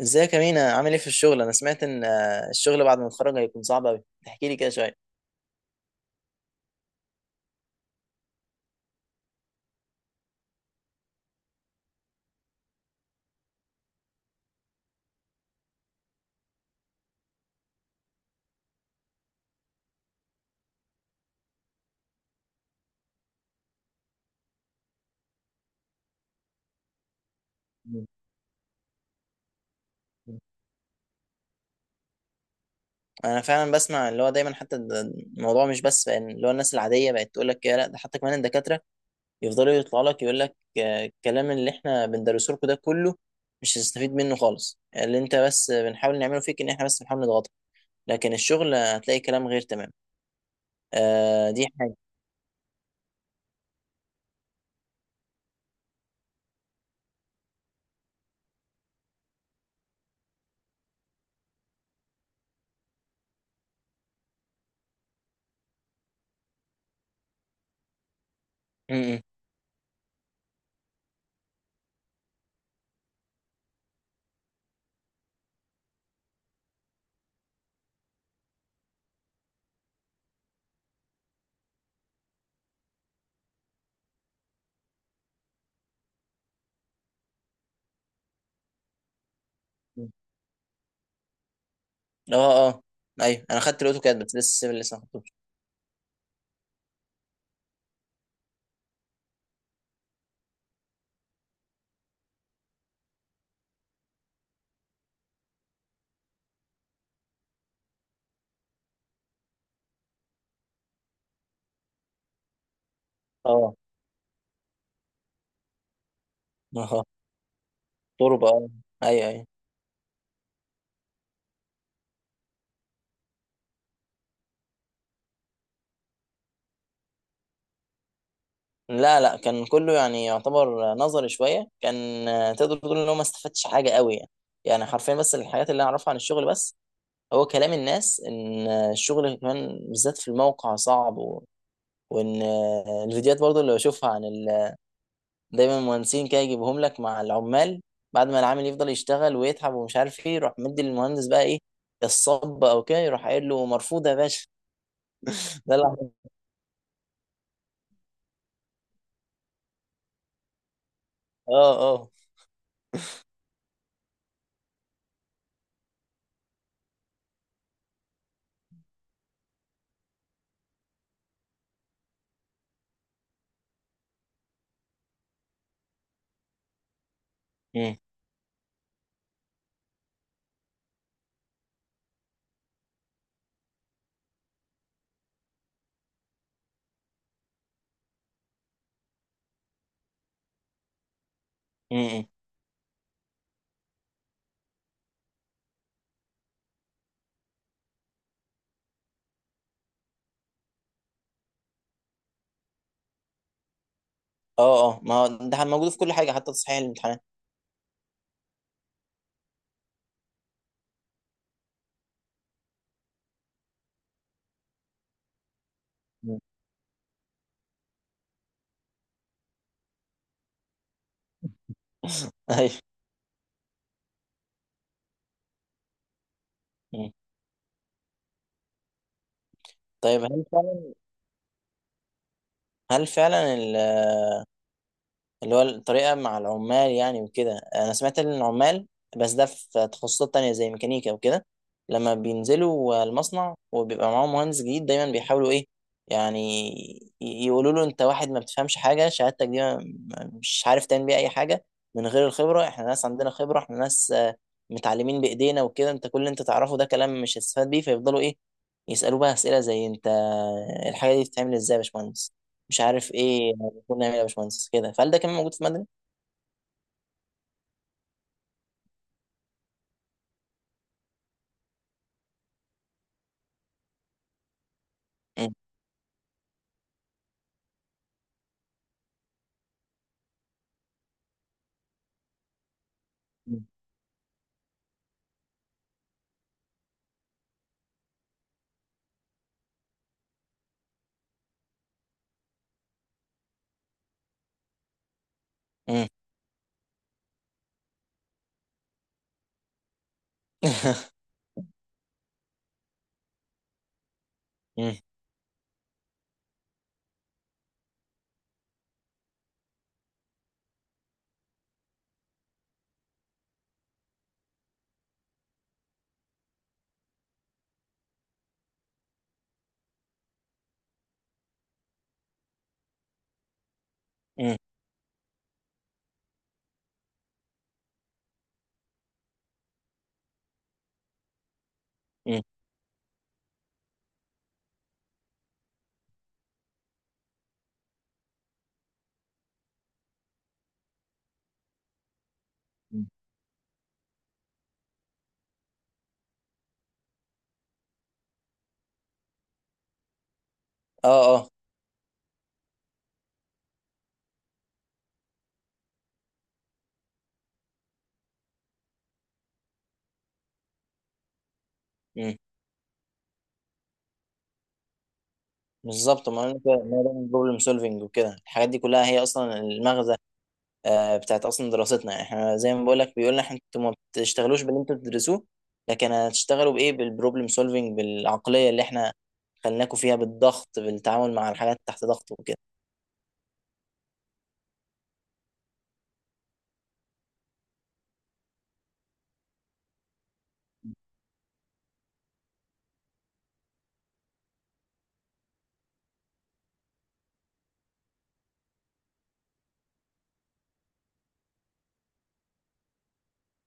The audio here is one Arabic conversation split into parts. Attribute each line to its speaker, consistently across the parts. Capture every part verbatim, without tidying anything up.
Speaker 1: ازيك يا مينا؟ عامل ايه في الشغل؟ انا سمعت ان آه، الشغل بعد ما اتخرج هيكون صعب قوي. تحكي لي كده شويه. انا فعلا بسمع اللي هو دايما حتى الد- الموضوع مش بس بقى إن اللي هو الناس العاديه بقت تقول لك كده، لا ده حتى كمان الدكاتره يفضلوا يطلعوا لك يقول لك آه، الكلام اللي احنا بندرسه لكم ده كله مش هتستفيد منه خالص، اللي انت بس بنحاول نعمله فيك ان احنا بس بنحاول نضغطك، لكن الشغل هتلاقي كلام غير. تمام. آه دي حاجه. م- م. اه، اه، ايوه انا خدت الاوتوكاد بس لسه السيفل لسه ما خدتوش. اه. تربة، اه. ايوه ايوه. لا لا، كان كله يعني يعتبر نظري شوية، كان آه، تقدر تقول ان هو ما استفدتش حاجة قوي يعني. يعني حرفيا بس الحاجات اللي انا اعرفها عن الشغل، بس هو كلام الناس ان آه، الشغل كمان بالذات في الموقع صعب، و... وان آه، الفيديوهات برضو اللي بشوفها عن ال دايما المهندسين كده يجيبهم لك مع العمال. بعد ما العامل يفضل يشتغل ويتعب ومش عارف ايه، يروح مدي للمهندس بقى ايه الصب او كده، يروح قايل له مرفوض يا باشا. ده اللي- اه اه. اه اه، ما هو ده موجود في كل حاجه حتى تصحيح الامتحانات. مم. ايوه. مم. طيب هل فعلا، هل فعلا اللي هو الطريقة مع العمال يعني وكده؟ أنا سمعت إن العمال، بس ده في تخصصات تانية زي ميكانيكا وكده، لما بينزلوا المصنع وبيبقى معاهم مهندس جديد دايما بيحاولوا إيه؟ يعني ي- يقولوا له أنت واحد ما بتفهمش حاجة، شهادتك دي ما- ما- مش عارف تعمل بيها أي حاجة من غير الخبرة، إحنا ناس عندنا خبرة، إحنا ناس آه، متعلمين بإيدينا وكده، أنت كل اللي أنت تعرفه ده كلام مش هتستفاد بيه. فيفضلوا إيه؟ يسألوه بقى أسئلة زي أنت الحاجة دي بتتعمل إزاي يا باشمهندس، مش عارف ايه، كنا نعمل يا باشمهندس كده. فهل ده كان موجود في مدني؟ مم. مم. مم. مم. مم. مم. مم. اه اه. مم. بالظبط، ما انا كده، ما ده بروبلم سولفنج وكده، الحاجات دي كلها هي اصلا المغزى آه، بتاعت اصلا دراستنا. يعني احنا زي ما بقول لك بيقول لنا انتوا ما بتشتغلوش باللي انتوا بتدرسوه، لكن هتشتغلوا بايه؟ بالبروبلم سولفنج، بالعقليه اللي احنا خلناكوا فيها، بالضغط، بالتعامل مع الحاجات تحت ضغط وكده.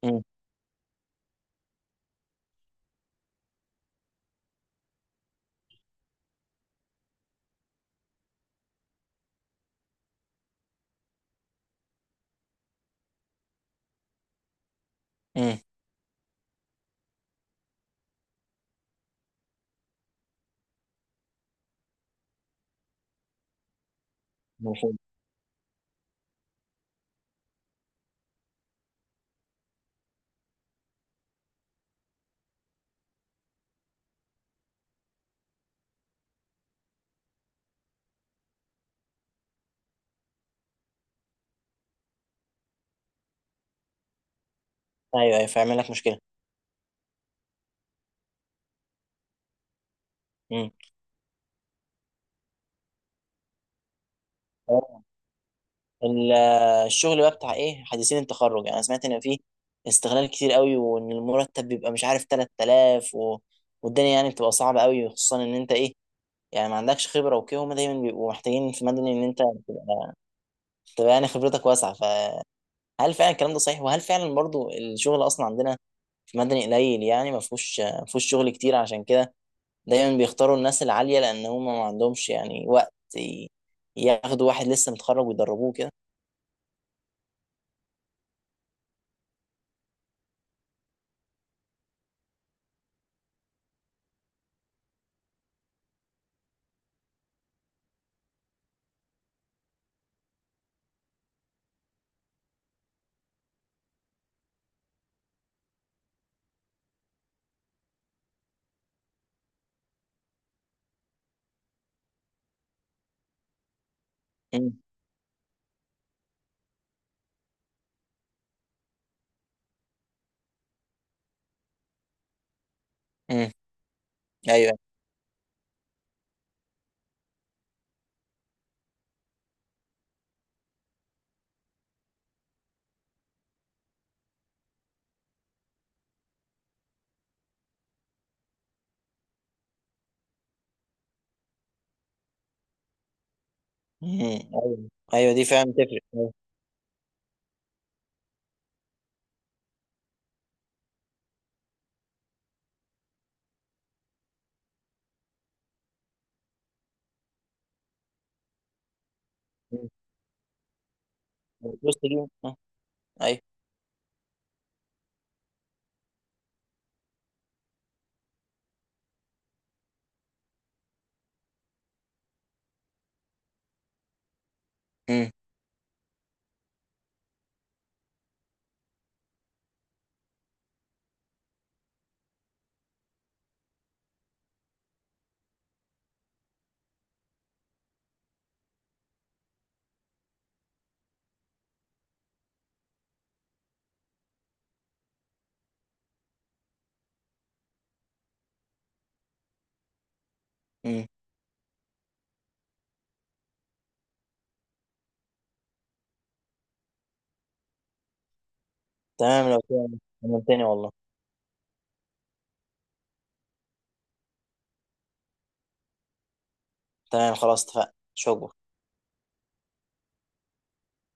Speaker 1: مم. مم. مفهوم. ايوه ايوه فيعمل لك مشكله. مم. ال- الشغل بقى بتاع ايه حديثين التخرج؟ يعني انا سمعت ان فيه استغلال كتير قوي وان المرتب بيبقى مش عارف تلات تلاف و والدنيا يعني بتبقى صعبة قوي، خصوصا ان انت ايه، يعني ما عندكش خبرة وكده، هما دايما بيبقوا محتاجين في مدني ان انت تبقى، تبقى يعني خبرتك واسعة. فهل فعلا الكلام ده صحيح؟ وهل فعلا برضو الشغل اصلا عندنا في مدني قليل؟ يعني ما فيهوش ما فيهوش شغل كتير عشان كده دايما بيختاروا الناس العالية، لان هما ما عندهمش يعني وقت ي- ياخدوا واحد لسه متخرج ويدربوه كده. امم. امم. ايوه. مم. ايوه ايوه دي فعلا تفرق، أيوة. مم. البوست دي آه، ايوه. مم. مم. تمام لو كده. عملتني والله. تمام خلاص، اتفقنا. شكرا.